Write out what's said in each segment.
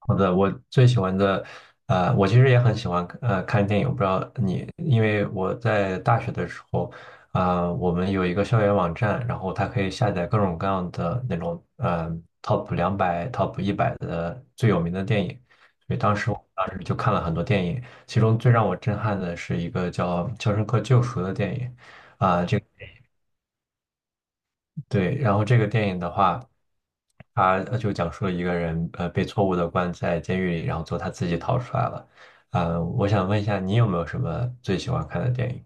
好的，我最喜欢的，我其实也很喜欢看电影，我不知道你，因为我在大学的时候，我们有一个校园网站，然后它可以下载各种各样的那种，top 200、top 100的最有名的电影，所以当时我就看了很多电影，其中最让我震撼的是一个叫《肖申克救赎》的电影，啊、这对，然后这个电影的话。他就讲述了一个人被错误的关在监狱里，然后最后他自己逃出来了。我想问一下，你有没有什么最喜欢看的电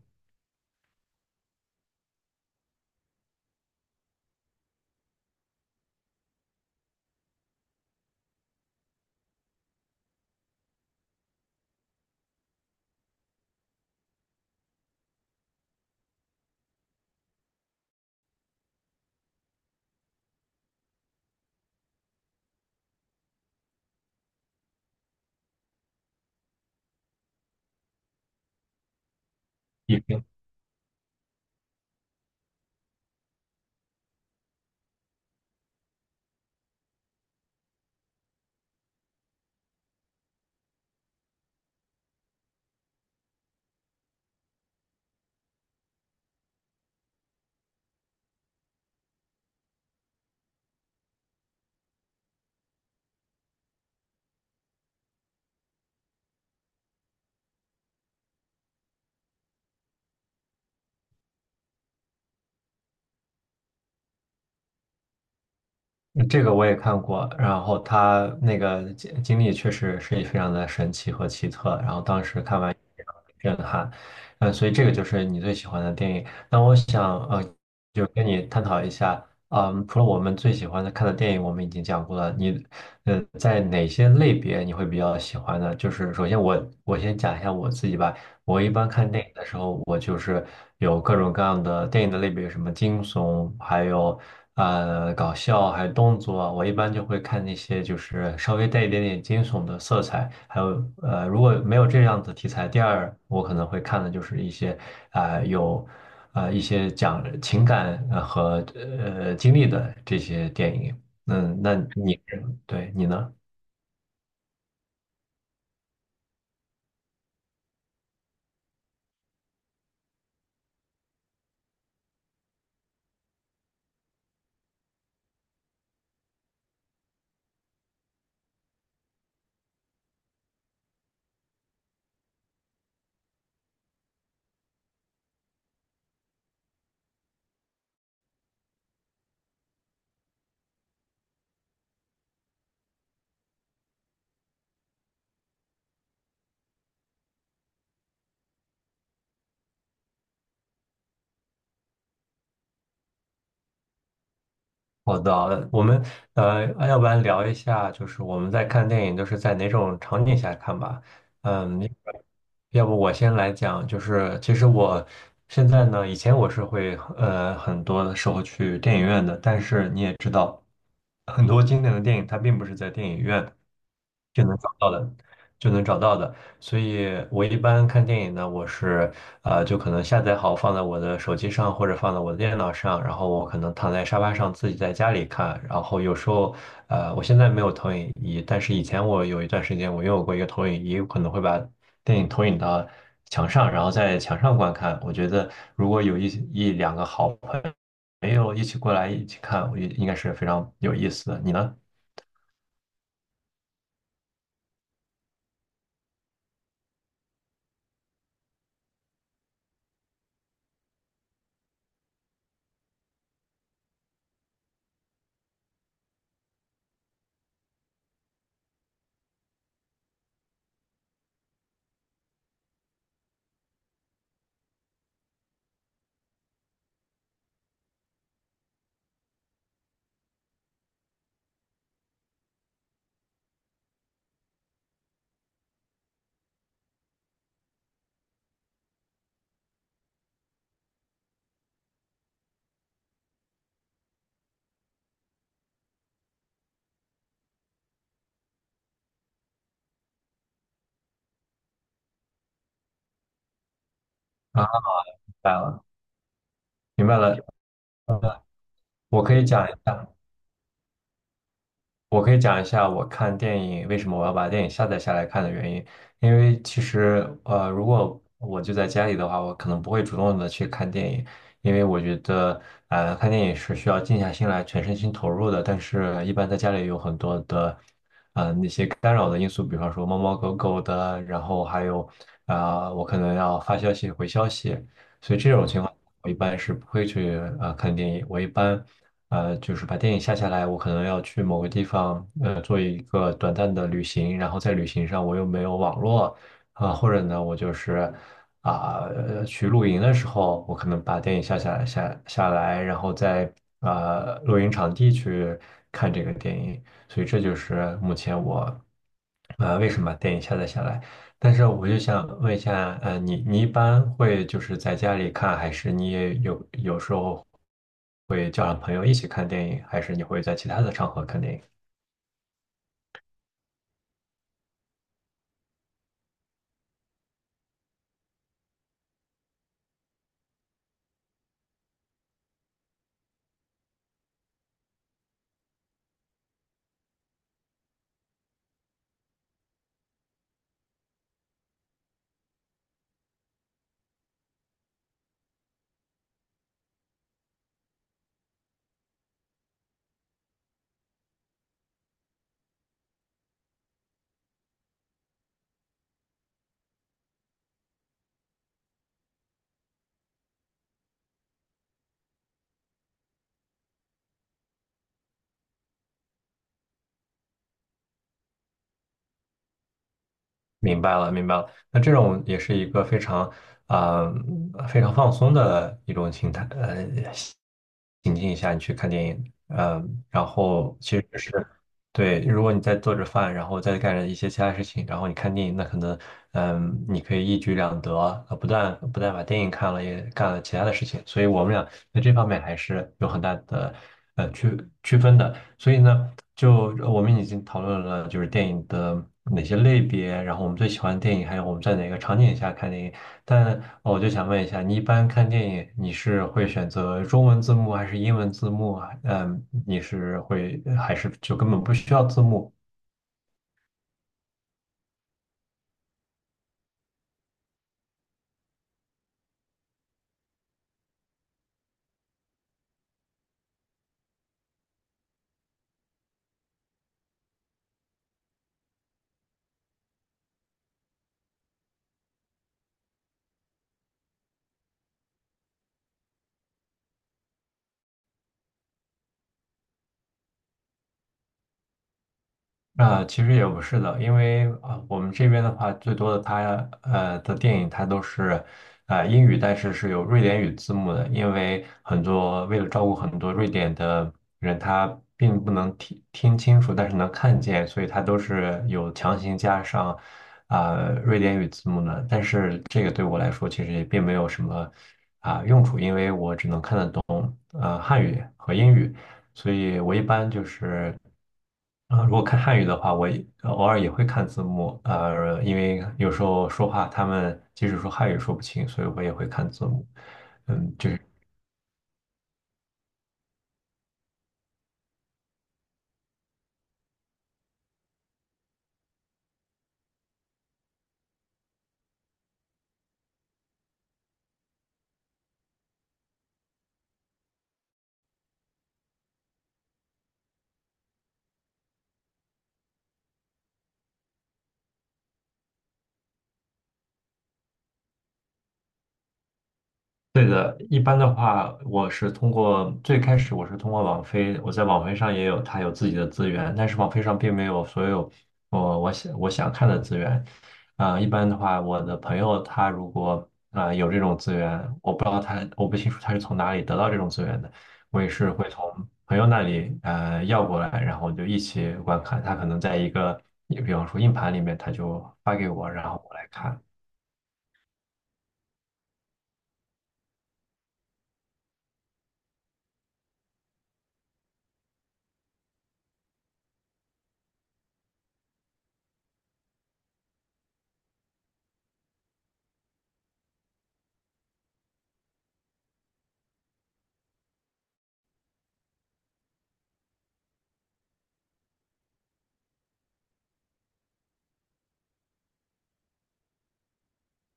影？嗯，这个我也看过，然后他那个经历确实是非常的神奇和奇特，然后当时看完也非常的震撼，嗯，所以这个就是你最喜欢的电影。那我想就跟你探讨一下，嗯，除了我们最喜欢的看的电影，我们已经讲过了，在哪些类别你会比较喜欢呢？就是首先我先讲一下我自己吧，我一般看电影的时候，我就是有各种各样的电影的类别，什么惊悚，还有搞笑，还有动作啊。我一般就会看那些就是稍微带一点点惊悚的色彩，还有如果没有这样的题材，第二我可能会看的就是一些啊、呃有啊一些讲情感和经历的这些电影。嗯，对你呢？好的，我们要不然聊一下，就是我们在看电影都是在哪种场景下看吧？嗯，要不我先来讲，就是其实我现在呢，以前我是会很多的时候去电影院的，但是你也知道，很多经典的电影它并不是在电影院。就能找到的，就能找到的。所以我一般看电影呢，就可能下载好放在我的手机上或者放在我的电脑上，然后我可能躺在沙发上自己在家里看。然后有时候呃，我现在没有投影仪，但是以前我有一段时间我拥有过一个投影仪，我可能会把电影投影到墙上，然后在墙上观看。我觉得如果有一两个好朋友一起过来一起看，我觉得应该是非常有意思的。你呢？啊，明白了，明白了。我可以讲一下，我可以讲一下我看电影为什么我要把电影下载下来看的原因。因为其实，如果我就在家里的话，我可能不会主动的去看电影，因为我觉得，看电影是需要静下心来，全身心投入的。但是，一般在家里有很多的一些干扰的因素，比方说猫猫狗狗的，然后还有，我可能要发消息、回消息。我一般是不会去看电影，我一般就是把电影下下来，我可能要去某个地方做一个短暂的旅行，然后在旅行上我又没有网络或者呢我就是去露营的时候，我可能把电影下下来，然后在露营场地去看这个电影，所以这就是目前我为什么把电影下载下来。但是我就想问一下，你一般会就是在家里看，还是你也有时候会叫上朋友一起看电影，还是你会在其他的场合看电影？明白了，明白了。那这种也是一个啊、非常放松的一种形态，情境下你去看电影，然后其实只是对，如果你在做着饭，然后再干着一些其他事情，然后你看电影，那可能你可以一举两得，不但把电影看了，也干了其他的事情。所以我们俩在这方面还是有很大的区分的。所以呢，就我们已经讨论了就是电影的哪些类别，然后我们最喜欢的电影，还有我们在哪个场景下看电影。但我就想问一下，你一般看电影，你是会选择中文字幕还是英文字幕啊？嗯，你是会还是就根本不需要字幕？啊，其实也不是的，因为我们这边的话，最多的它的电影，它都是英语，但是是有瑞典语字幕的，因为很多为了照顾很多瑞典的人，他并不能听清楚，但是能看见，所以它都是有强行加上啊瑞典语字幕的。但是这个对我来说，其实也并没有什么。汉语和英语，所以我一般就是如果看汉语的话，我也偶尔也会看字幕，因为有时候说话他们即使说汉语说不清，所以我也会看字幕。嗯，就是。对的，一般的话，我是通过最开始我是通过网飞，我在网飞上它有自己的资源，但是网飞上并没有所有我想看的资源。一般的话，我的朋友他如果有这种资源，我不清楚他是从哪里得到这种资源的，我也是会从朋友那里要过来，然后就一起观看。他可能在一个，比方说硬盘里面，他就发给我，然后我来看。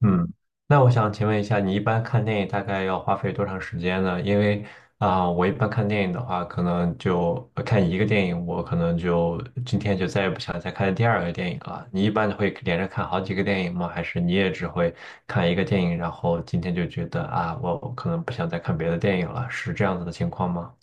嗯，那我想请问一下，你一般看电影大概要花费多长时间呢？因为我一般看电影的话，可能就看一个电影，我可能就今天就再也不想再看第二个电影了。你一般会连着看好几个电影吗？还是你也只会看一个电影，然后今天就觉得啊，我可能不想再看别的电影了，是这样子的情况吗？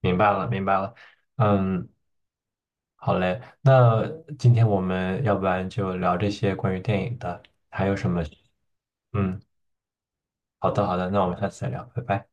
明白了，明白了。嗯，好嘞，那今天我们要不然就聊这些关于电影的，还有什么？嗯。好的，好的，那我们下次再聊，拜拜。